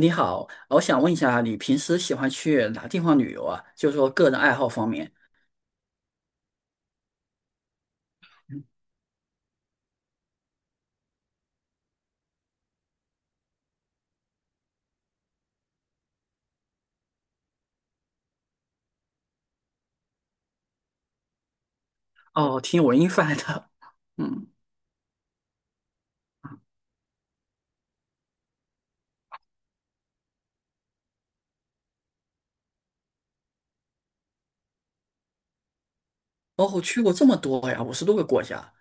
你好，我想问一下，你平时喜欢去哪地方旅游啊？就是说个人爱好方面。哦，听文艺范的，嗯，哦，去过这么多呀，50多个国家。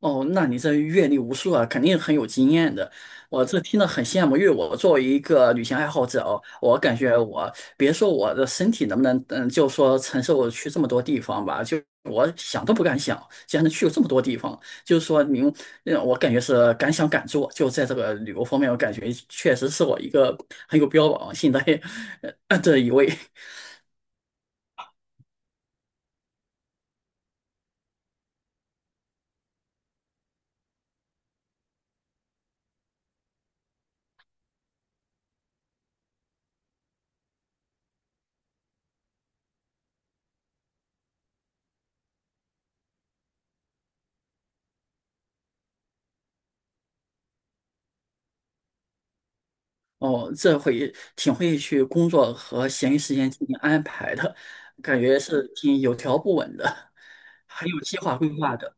哦，那你这阅历无数啊，肯定很有经验的。我这听了很羡慕，因为我作为一个旅行爱好者哦，我感觉我别说我的身体能不能，嗯，就说承受去这么多地方吧，就我想都不敢想，竟然能去过这么多地方。就是说您，嗯，我感觉是敢想敢做，就在这个旅游方面，我感觉确实是我一个很有标榜性的 的一位。哦，这会挺会去工作和闲余时间进行安排的，感觉是挺有条不紊的，很有计划规划的。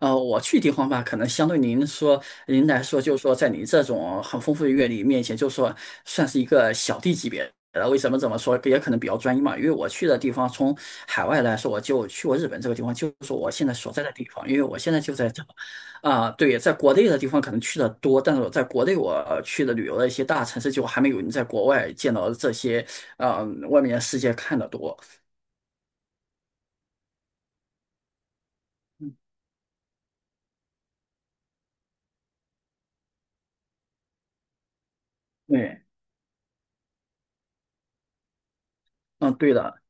我去地方吧，可能相对您说您来说，就是说在你这种很丰富的阅历面前，就是说算是一个小弟级别的。为什么这么说？也可能比较专一嘛。因为我去的地方，从海外来说，我就去过日本这个地方，就是我现在所在的地方。因为我现在就在这，啊、对，在国内的地方可能去的多，但是我在国内我去的旅游的一些大城市，就还没有你在国外见到这些，外面的世界看的多。嗯，对，嗯，对的。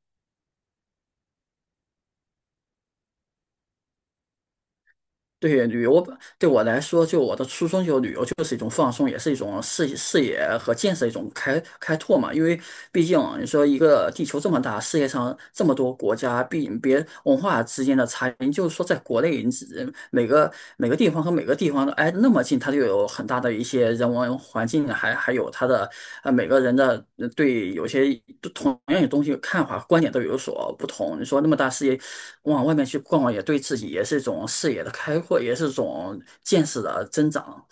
对旅游对我来说，就我的初衷，就旅游就是一种放松，也是一种视野和见识的一种开拓嘛。因为毕竟你说一个地球这么大，世界上这么多国家，毕别文化之间的差异，就是说在国内，你只每个地方和每个。每个地方的挨那么近，它就有很大的一些人文环境，还有它的每个人的对有些同样的东西看法观点都有所不同。你说那么大视野往外面去逛逛，也对自己也是一种视野的开阔，也是一种见识的增长。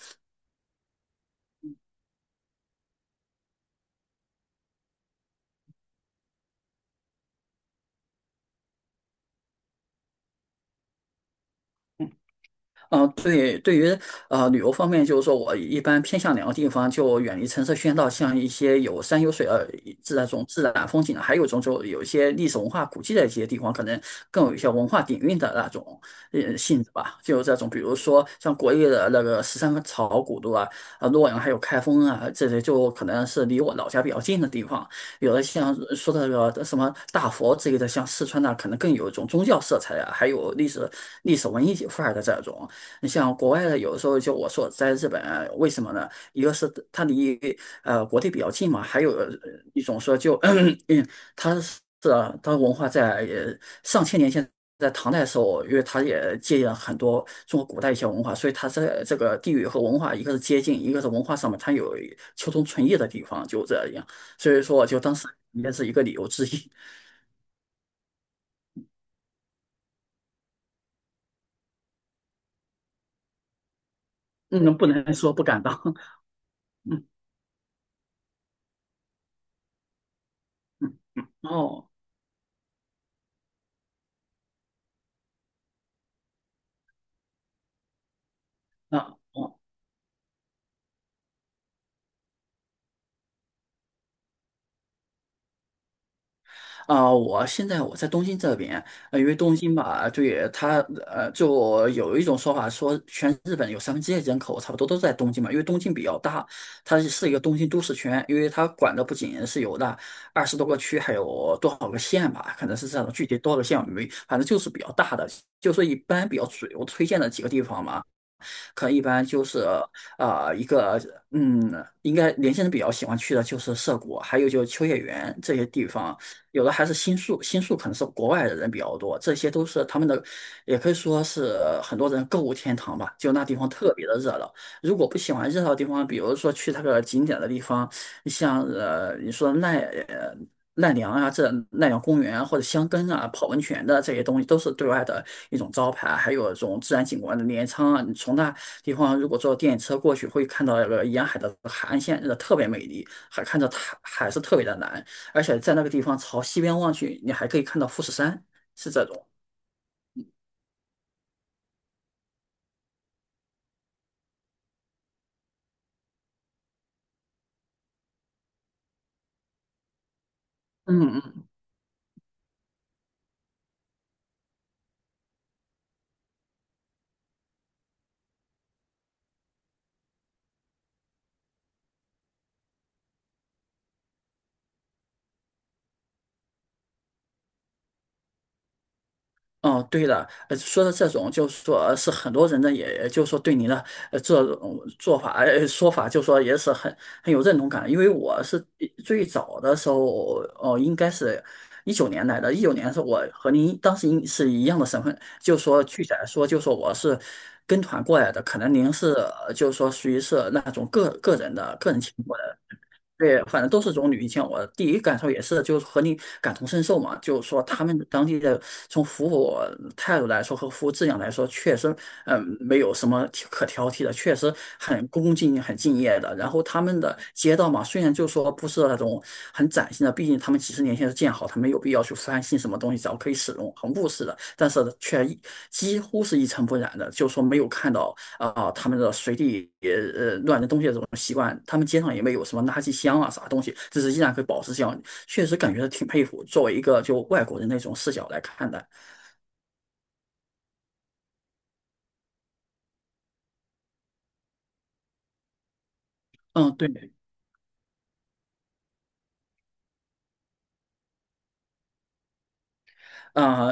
嗯，对，对于旅游方面，就是说我一般偏向两个地方，就远离城市喧闹，像一些有山有水自然风景的，还有一种就有一些历史文化古迹的一些地方，可能更有一些文化底蕴的那种性质吧。就这种，比如说像国内的那个十三朝古都啊、洛阳还有开封啊，这些就可能是离我老家比较近的地方。有的像说的那个什么大佛之类的，像四川那可能更有一种宗教色彩啊，还有历史文艺范儿的这种。你像国外的，有的时候就我说在日本啊为什么呢？一个是它离国内比较近嘛，还有一种说就 嗯，它是啊它文化在上千年前。在唐代的时候，因为它也借鉴了很多中国古代一些文化，所以它在这个地域和文化，一个是接近，一个是文化上面它有求同存异的地方，就这样。所以说，就当时也是一个理由之一。嗯，不能说不敢当。嗯嗯，哦，那哦。啊、我现在我在东京这边，因为东京吧，对它，就有一种说法说，全日本有1/3人口差不多都在东京嘛，因为东京比较大，它是一个东京都市圈，因为它管的不仅是有那20多个区，还有多少个县吧，可能是这样的，具体多少个县我没，反正就是比较大的，就说一般比较主流推荐的几个地方嘛。可能一般就是啊，一个嗯，应该年轻人比较喜欢去的就是涩谷，还有就是秋叶原这些地方，有的还是新宿，新宿可能是国外的人比较多，这些都是他们的，也可以说是很多人购物天堂吧，就那地方特别的热闹。如果不喜欢热闹的地方，比如说去那个景点的地方，像你说奈良啊，这奈良公园啊，或者箱根啊、泡温泉的这些东西，都是对外的一种招牌，还有这种自然景观的镰仓啊，你从那地方如果坐电车过去，会看到那个沿海的海岸线，真的特别美丽，还看着海是特别的蓝，而且在那个地方朝西边望去，你还可以看到富士山，是这种。嗯嗯哦，对的，说的这种就是说是很多人呢，也，就是说对你的这种做法、说法，就说也是很有认同感。因为我是最早的时候，哦、应该是一九年来的，一九年是我和您当时应是一样的身份，就说具体来说，就说我是跟团过来的，可能您是就是说属于是那种个人情况。对，反正都是种女行。千，我第一感受也是，就是和你感同身受嘛，就是说他们当地的从服务态度来说和服务质量来说，确实，嗯，没有什么可挑剔的，确实很恭敬、很敬业的。然后他们的街道嘛，虽然就说不是那种很崭新的，毕竟他们几十年前是建好，他没有必要去翻新什么东西，只要可以使用，很务实的，但是却几乎是一尘不染的，就说没有看到。啊、他们的随地乱扔东西的这种习惯，他们街上也没有什么垃圾箱啊啥东西，这是依然可以保持这样，确实感觉挺佩服。作为一个就外国人那种视角来看待，嗯，对，啊，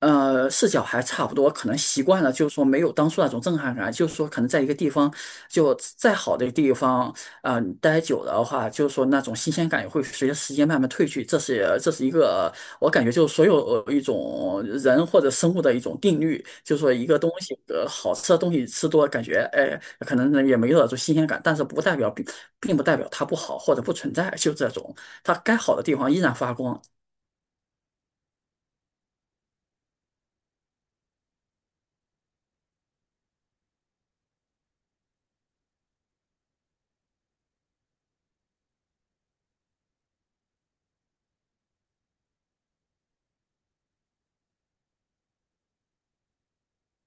视角还差不多，可能习惯了，就是说没有当初那种震撼感，就是说可能在一个地方，就再好的地方，啊、你待久了的话，就是说那种新鲜感也会随着时间慢慢褪去，这是一个我感觉就是所有一种人或者生物的一种定律，就是说一个东西，好吃的东西吃多了，感觉哎，可能也没有那种新鲜感，但是不代表并并不代表它不好或者不存在，就这种，它该好的地方依然发光，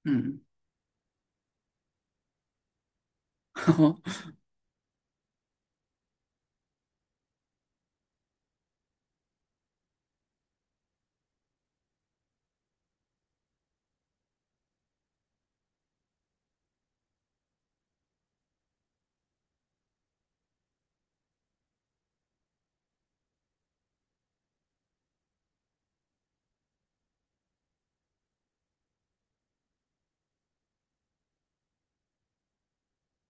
嗯。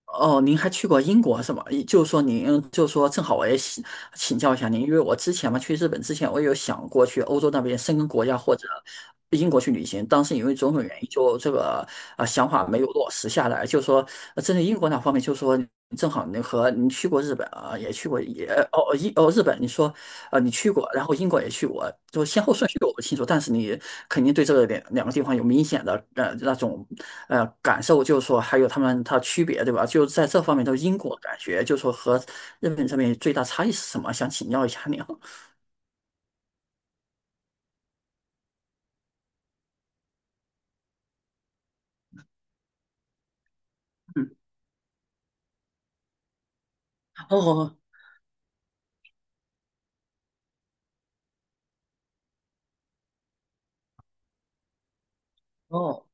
哦，您还去过英国是吗？也就是说您，就是说正好我也请教一下您，因为我之前嘛去日本之前，我有想过去欧洲那边申根国家或者英国去旅行，当时因为种种原因，就这个想法没有落实下来。就是说，针对英国那方面，就是说。正好你去过日本啊，也去过也哦哦英哦日本，你说你去过，然后英国也去过，就先后顺序我不清楚，但是你肯定对这个两个地方有明显的那种感受，就是说还有他们它区别对吧？就在这方面，就英国感觉就是说和日本这边最大差异是什么？想请教一下你啊 嗯哦哦，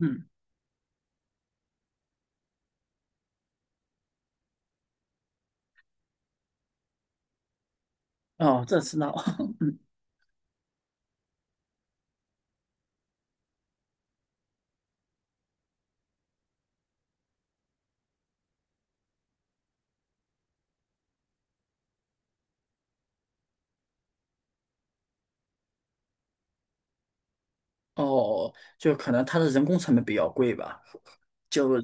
嗯哦这知道 哦，就可能它的人工成本比较贵吧？就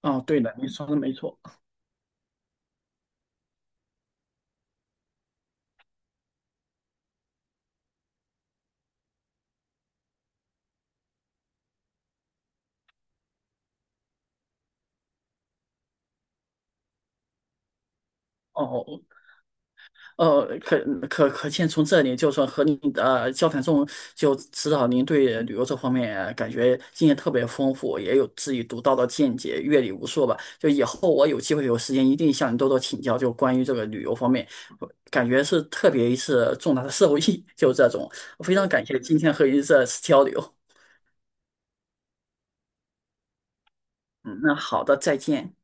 哦对的，你说的没错。哦呃，可可见，从这里就说和您交谈中就知道您对旅游这方面感觉经验特别丰富，也有自己独到的见解，阅历无数吧。就以后我有机会有时间，一定向你多多请教，就关于这个旅游方面，感觉是特别一次重大的 受益，就这种，非常感谢今天和您这次交流。嗯，那好的，再见。